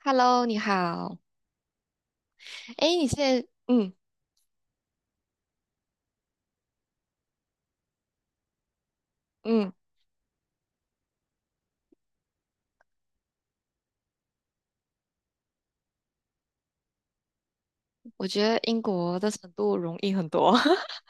Hello，你好。哎，你现在，嗯，我觉得英国的程度容易很多。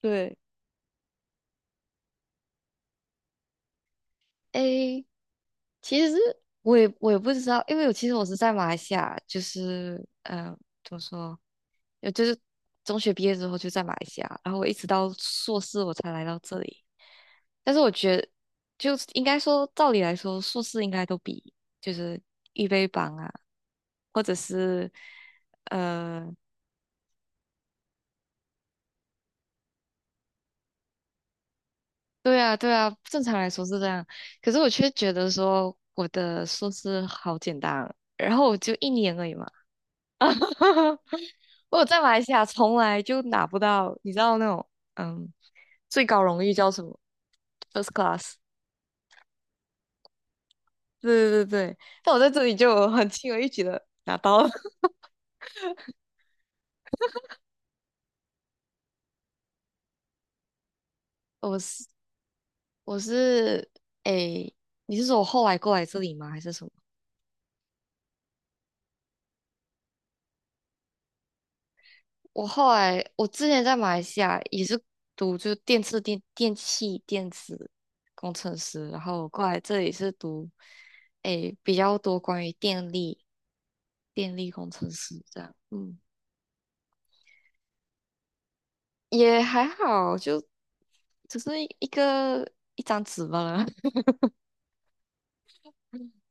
对，哎，其实我也不知道，因为我其实我是在马来西亚，就是嗯、呃怎么说，就是中学毕业之后就在马来西亚，然后我一直到硕士我才来到这里。但是我觉得，就是应该说，照理来说，硕士应该都比就是预备班啊，或者是。呃对啊，对啊，正常来说是这样，可是我却觉得说我的硕士好简单，然后我就一年而已嘛。我在马来西亚从来就拿不到，你知道那种嗯最高荣誉叫什么？First class。对对对对，但我在这里就很轻而易举的拿到了。我是我是诶，你是说我后来过来这里吗？还是什么？我后来我之前在马来西亚也是读就电次电电器电子工程师，然后我过来这里是读比较多关于电力工程师这样，嗯，也还好，就只是一张纸罢了。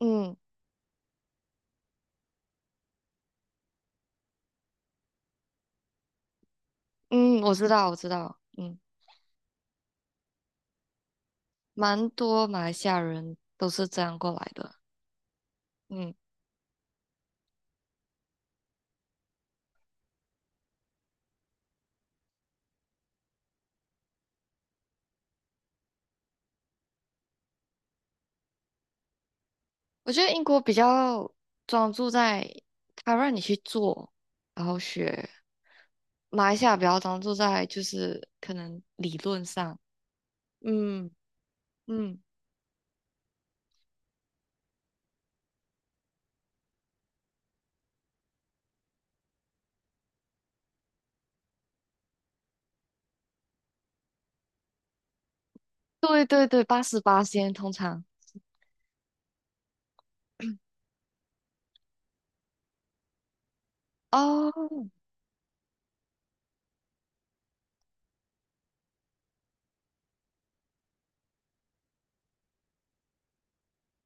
嗯嗯，我知道我知道，嗯，蛮多马来西亚人都是这样过来的，嗯。我觉得英国比较专注在他让你去做，然后学。马来西亚比较专注在就是可能理论上，嗯嗯，对对对，88先通常哦，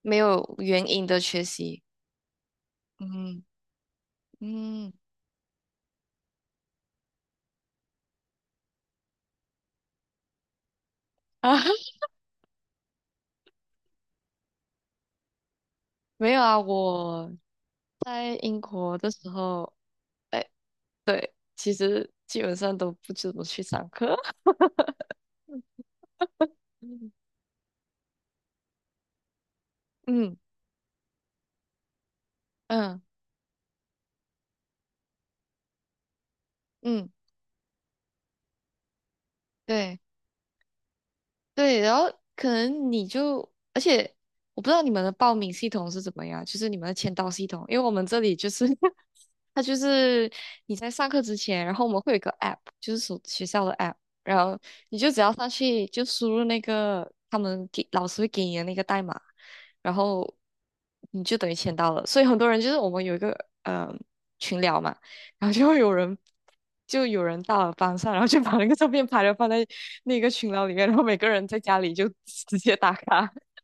没有原因的学习，嗯嗯 啊，没有啊，我在英国的时候，哎，其实基本上都不怎么去上课，嗯嗯嗯嗯，对。对，然后可能你就，而且我不知道你们的报名系统是怎么样，就是你们的签到系统，因为我们这里就是 它就是你在上课之前，然后我们会有一个 app，就是所学校的 app，然后你就只要上去就输入那个他们给老师会给你的那个代码，然后你就等于签到了。所以很多人就是我们有一个呃群聊嘛，然后就有人到了班上，然后就把那个照片拍了放在那个群聊里面，然后每个人在家里就直接打卡，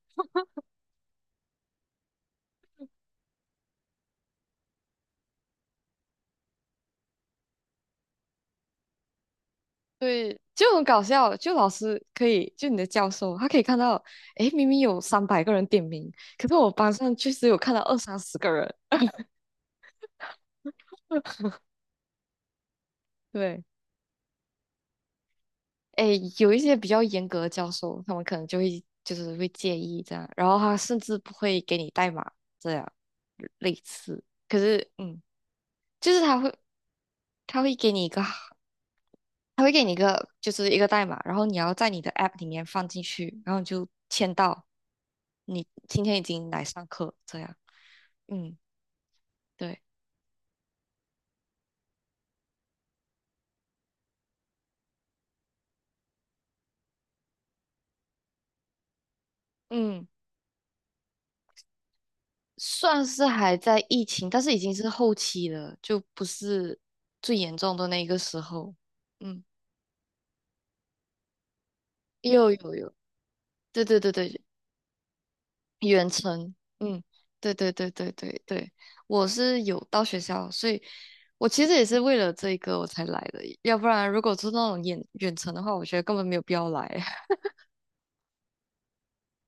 对，就很搞笑。就老师可以，就你的教授，他可以看到，诶，明明有300个人点名，可是我班上确实有看到二三十个人。对，诶，有一些比较严格的教授，他们可能就会就是会介意这样，然后他甚至不会给你代码这样类似。可是，嗯，就是他会给你一个就是一个代码，然后你要在你的 App 里面放进去，然后你就签到，你今天已经来上课，这样，嗯，对，嗯，算是还在疫情，但是已经是后期了，就不是最严重的那个时候，嗯，又有，对对对对，远程，嗯，对对对对对对，我是有到学校，所以。我其实也是为了这个我才来的，要不然如果是那种远远程的话，我觉得根本没有必要来。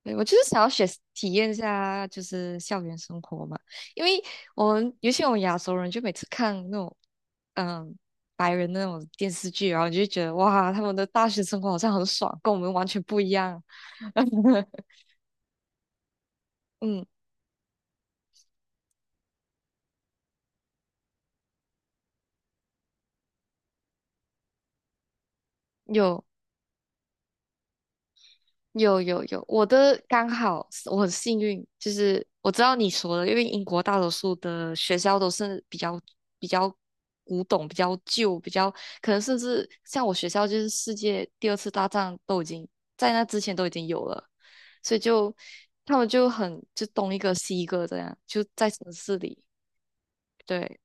对，我就是想要体验一下，就是校园生活嘛，因为我们尤其我们亚洲人，就每次看那种嗯白人那种电视剧，然后你就觉得哇，他们的大学生活好像很爽，跟我们完全不一样。嗯，有有有有，我的刚好是我很幸运，就是我知道你说的，因为英国大多数的学校都是比较古董、比较旧、可能甚至像我学校就是世界第二次大战都已经在那之前都已经有了，所以就他们就东一个西一个这样，就在城市里，对，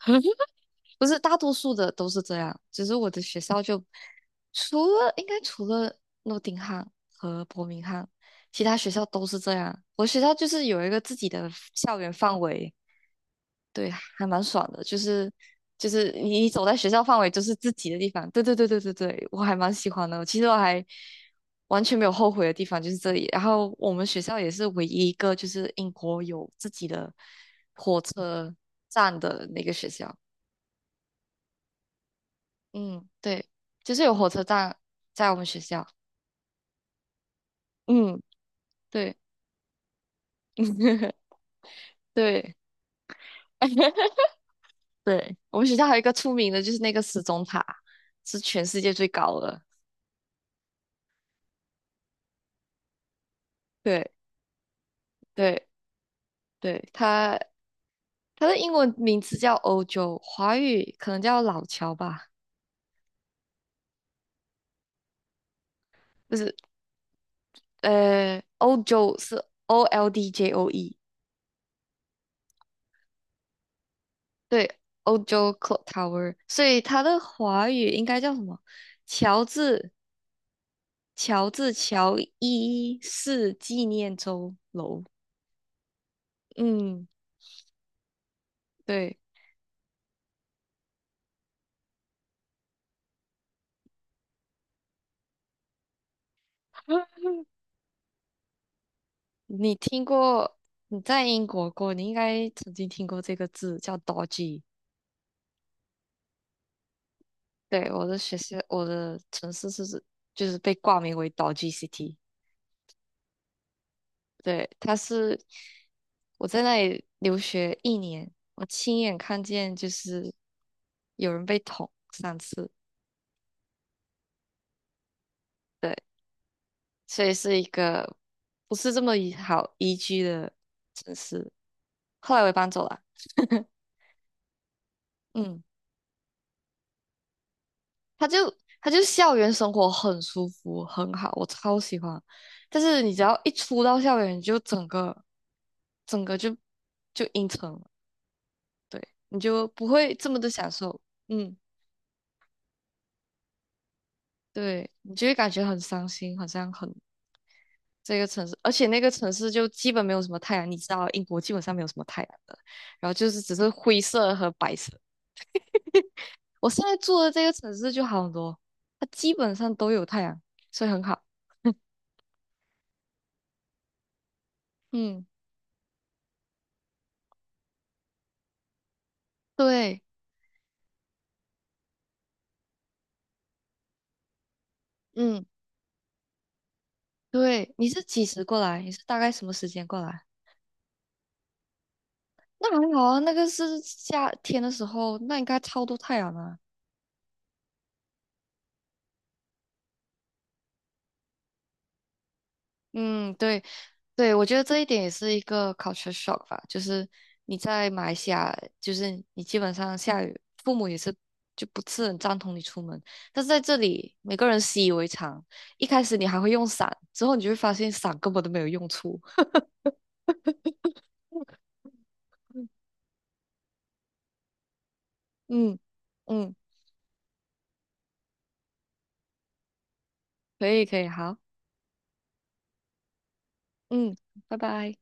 不是大多数的都是这样，只是我的学校就除了诺丁汉和伯明翰，其他学校都是这样。我学校就是有一个自己的校园范围，对，还蛮爽的，就是你走在学校范围就是自己的地方，对对对对对对，我还蛮喜欢的。其实我还完全没有后悔的地方就是这里。然后我们学校也是唯一一个就是英国有自己的火车站的那个学校。嗯，对，就是有火车站在我们学校。嗯，对 对 对，我们学校还有一个出名的，就是那个时钟塔，是全世界最高的。对对对，它的英文名字叫欧洲，华语可能叫老桥吧，不是，呃，欧洲是 OLDJOE，对，欧洲 Clock Tower，所以它的华语应该叫什么？乔治乔治乔伊市纪念周楼。嗯，对，你听过？你在英国过，你应该曾经听过这个字叫 Dodgy。对，我的学校，我的城市是就是被挂名为 Dodgy City。对，它是我在那里留学一年，我亲眼看见就是有人被捅三次，对，所以是一个不是这么宜好宜居的城市。后来我也搬走了。嗯，他就他就校园生活很舒服，很好，我超喜欢。但是你只要一出到校园，你就整个整个就阴沉了，对，你就不会这么的享受。嗯，对，你就会感觉很伤心，好像很这个城市，而且那个城市就基本没有什么太阳，你知道英国基本上没有什么太阳的，然后就是只是灰色和白色。我现在住的这个城市就好很多，它基本上都有太阳，所以很好。嗯，对，嗯，对，你是几时过来？你是大概什么时间过来？那还好啊，那个是夏天的时候，那应该超多太阳啊。嗯，对，对，我觉得这一点也是一个 culture shock 吧，就是你在马来西亚，就是你基本上下雨，父母也是就不是很赞同你出门，但是在这里，每个人习以为常，一开始你还会用伞，之后你就会发现伞根本都没有用处。嗯嗯，可以可以，好，嗯，拜拜。